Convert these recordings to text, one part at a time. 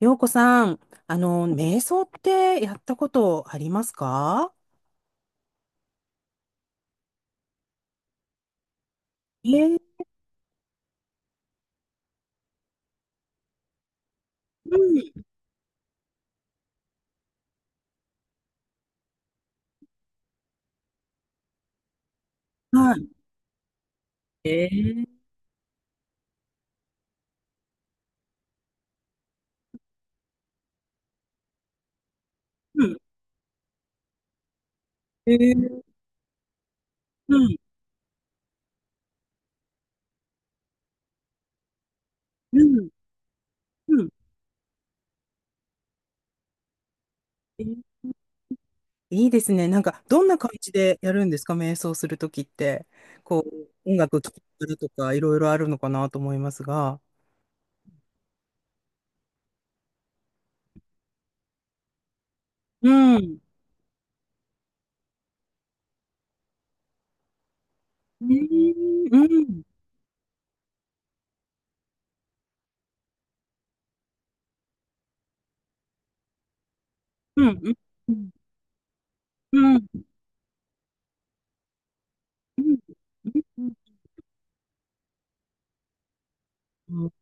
陽子さん、瞑想ってやったことありますか？えー。うん。えー。うん。えー。うん。うん。うん。えーいいですね。なんか、どんな感じでやるんですか、瞑想するときって。こう、音楽聴きながらとか、いろいろあるのかなと思いますが。うん。うん。うん。うん。うん。うん。うん。うん。うん。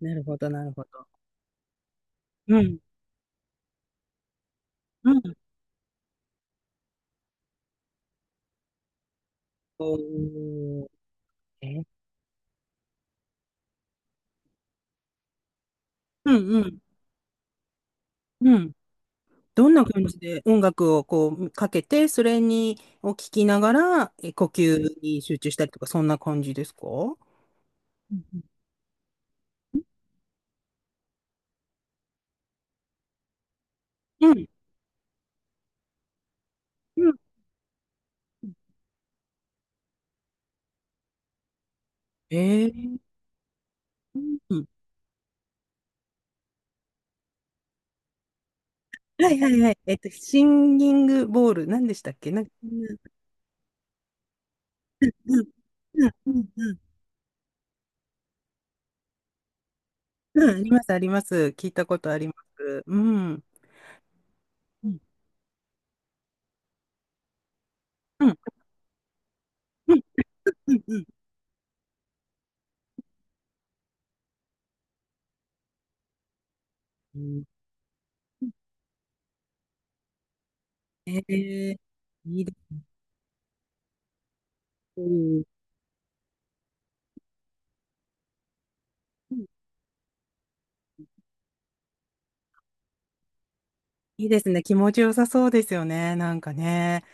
なるほど、なるほど。うん。うん。おー。え。うん。うん。うん。どんな感じで音楽をこうかけて、それにを聞きながら、呼吸に集中したりとか、そんな感じですか？うん。うん。うん。ええ。うん。はいはいはい。シンギングボール、何でしたっけ、なんか。うん。うん。うん。うん。うん。うん。あります、あります。聞いたことあります。うん。うん。うん。うん。うん。うん。うん。えーいいです。うん。いいですね。気持ちよさそうですよね。なんかね。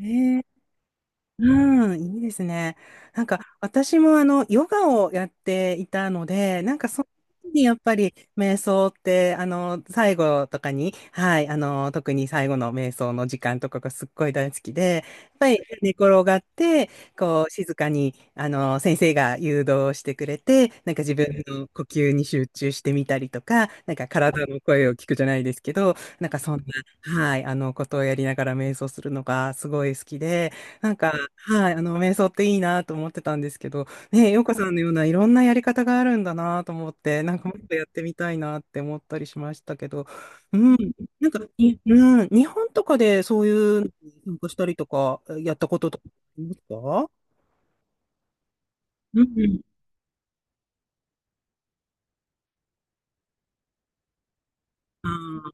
ええ。うん、いいですね。なんか、私もヨガをやっていたので、なんか、その時にやっぱり、瞑想って、最後とかに、はい、特に最後の瞑想の時間とかがすっごい大好きで、やっぱり寝転がって、こう、静かに、先生が誘導してくれて、なんか自分の呼吸に集中してみたりとか、なんか体の声を聞くじゃないですけど、なんかそんな、はい、ことをやりながら瞑想するのがすごい好きで、なんか、はい、瞑想っていいなと思ってたんですけど、ね、洋子さんのようないろんなやり方があるんだなと思って、なんかもっとやってみたいなって思ったりしましたけど、うん、なんか、に、うん、日本とかでそういうのに参加したりとか、やったこととかありますか？うん。ああ、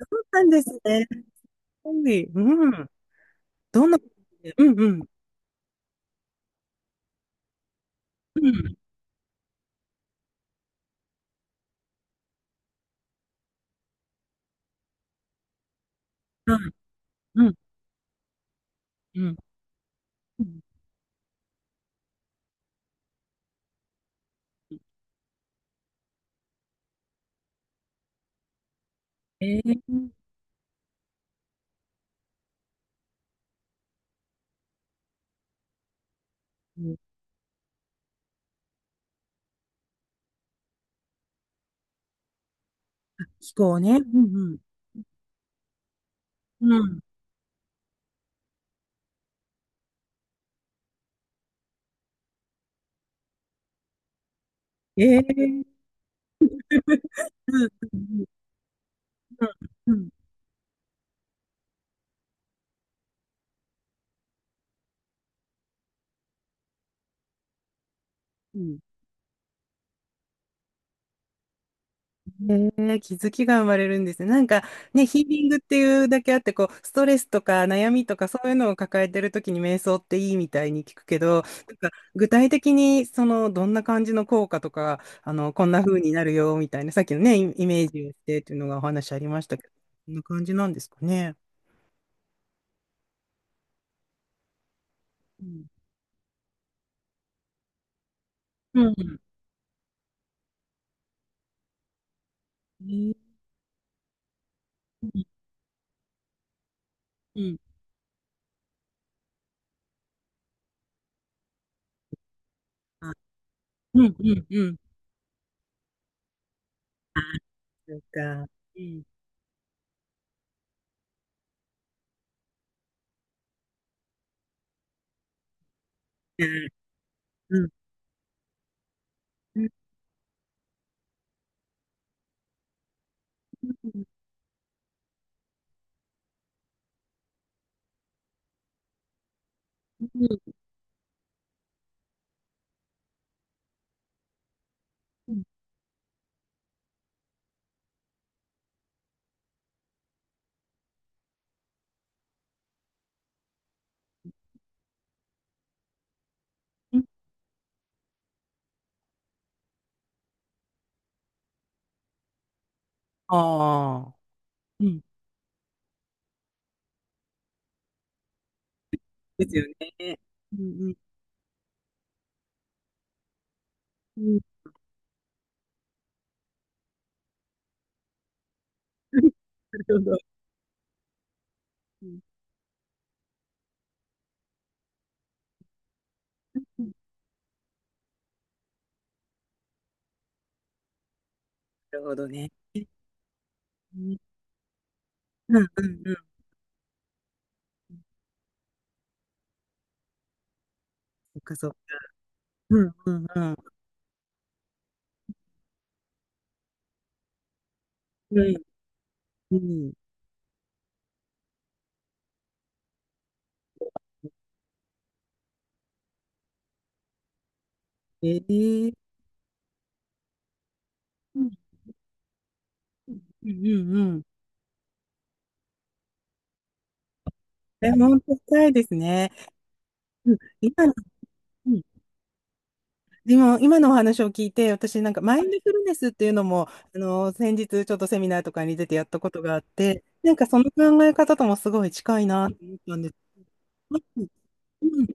そうなんですね。コンビ、うん。どんな、うん、うん、うん、はい、うん、うん。うん、えー、うん、飛行ね。うん。うん。うん。えー、うん、うん、うん。うん。へえ、気づきが生まれるんですね。なんかね、ヒーリングっていうだけあって、こう、ストレスとか悩みとかそういうのを抱えてるときに瞑想っていいみたいに聞くけど、なんか具体的にその、どんな感じの効果とか、こんな風になるよみたいな、さっきのね、イイメージをしてっていうのがお話ありましたけど、こんな感じなんですかね？うん。うん。うん。うん。あ、うん。うん。うん。あ、そうか。うん。うん。うん。うん。うん。うん。ああ、うん。ですよね。うん。うん。うん。なるほど。うん。うん。なるほどね。うん。うん。うん。うん。そっかそっか。うん。うん。うん。うん。うん。ええ。うん。うん。うん。うん。え、本当深いですね。うん、今の、うん、今のお話を聞いて、私なんかマインドフルネスっていうのも、先日ちょっとセミナーとかに出てやったことがあって、なんかその考え方ともすごい近いなと思ったんです。うん。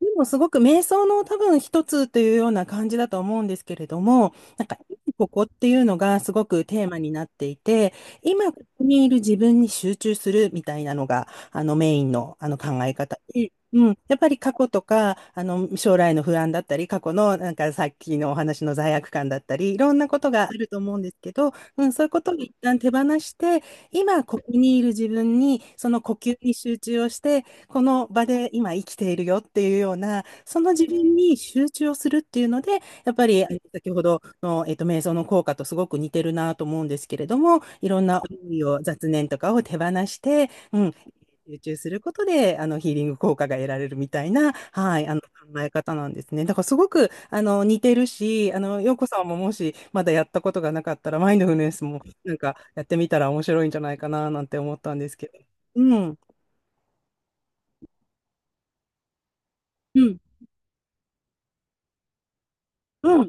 でもすごく瞑想の多分一つというような感じだと思うんですけれども、なんか今ここっていうのがすごくテーマになっていて、今ここにいる自分に集中するみたいなのがメインの、考え方で、うん、やっぱり過去とか将来の不安だったり、過去のなんかさっきのお話の罪悪感だったり、いろんなことがあると思うんですけど、うん、そういうことを一旦手放して、今ここにいる自分にその呼吸に集中をして、この場で今生きているよっていうような、その自分に集中をするっていうので、やっぱり先ほどの、瞑想の効果とすごく似てるなと思うんですけれども、いろんな思いを、雑念とかを手放して、うん、集中することで、ヒーリング効果が得られるみたいな、はい、考え方なんですね。だからすごく、似てるし、洋子さんももしまだやったことがなかったら、マインドフルネスもなんかやってみたら面白いんじゃないかな、なんて思ったんですけど。うん。うん。うん。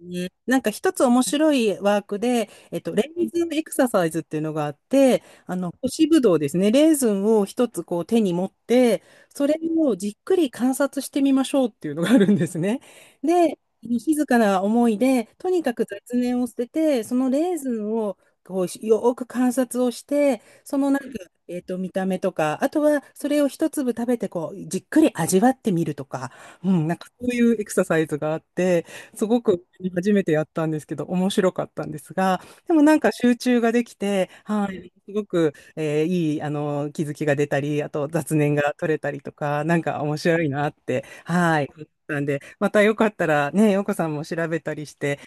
ね、なんか一つ面白いワークで、レーズンエクササイズっていうのがあって、干しぶどうですね、レーズンを一つこう手に持って、それをじっくり観察してみましょうっていうのがあるんですね。で、静かな思いで、とにかく雑念を捨てて、そのレーズンをこうよーく観察をして、そのなんか、見た目とか、あとはそれを一粒食べてこう、じっくり味わってみるとか、うん、なんかそういうエクササイズがあって、すごく初めてやったんですけど、面白かったんですが、でもなんか集中ができて、はい、すごく、いい、気づきが出たり、あと雑念が取れたりとか、なんか面白いなって、はい、思ったんで、またよかったらね、ようこさんも調べたりして、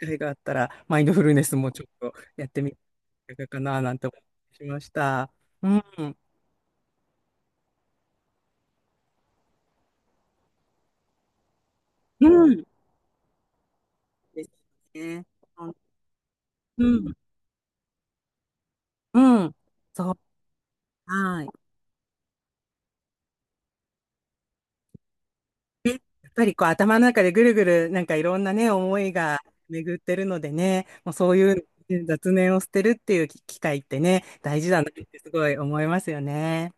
機会があったら、マインドフルネスもちょっとやってみるかな、なんて思いました。うん。うん。ですね。うん。うん。そう。はい。ね、やっぱりこう頭の中でぐるぐるなんかいろんなね、思いが巡ってるのでね、もうそういう雑念を捨てるっていう機会ってね、大事だなってすごい思いますよね。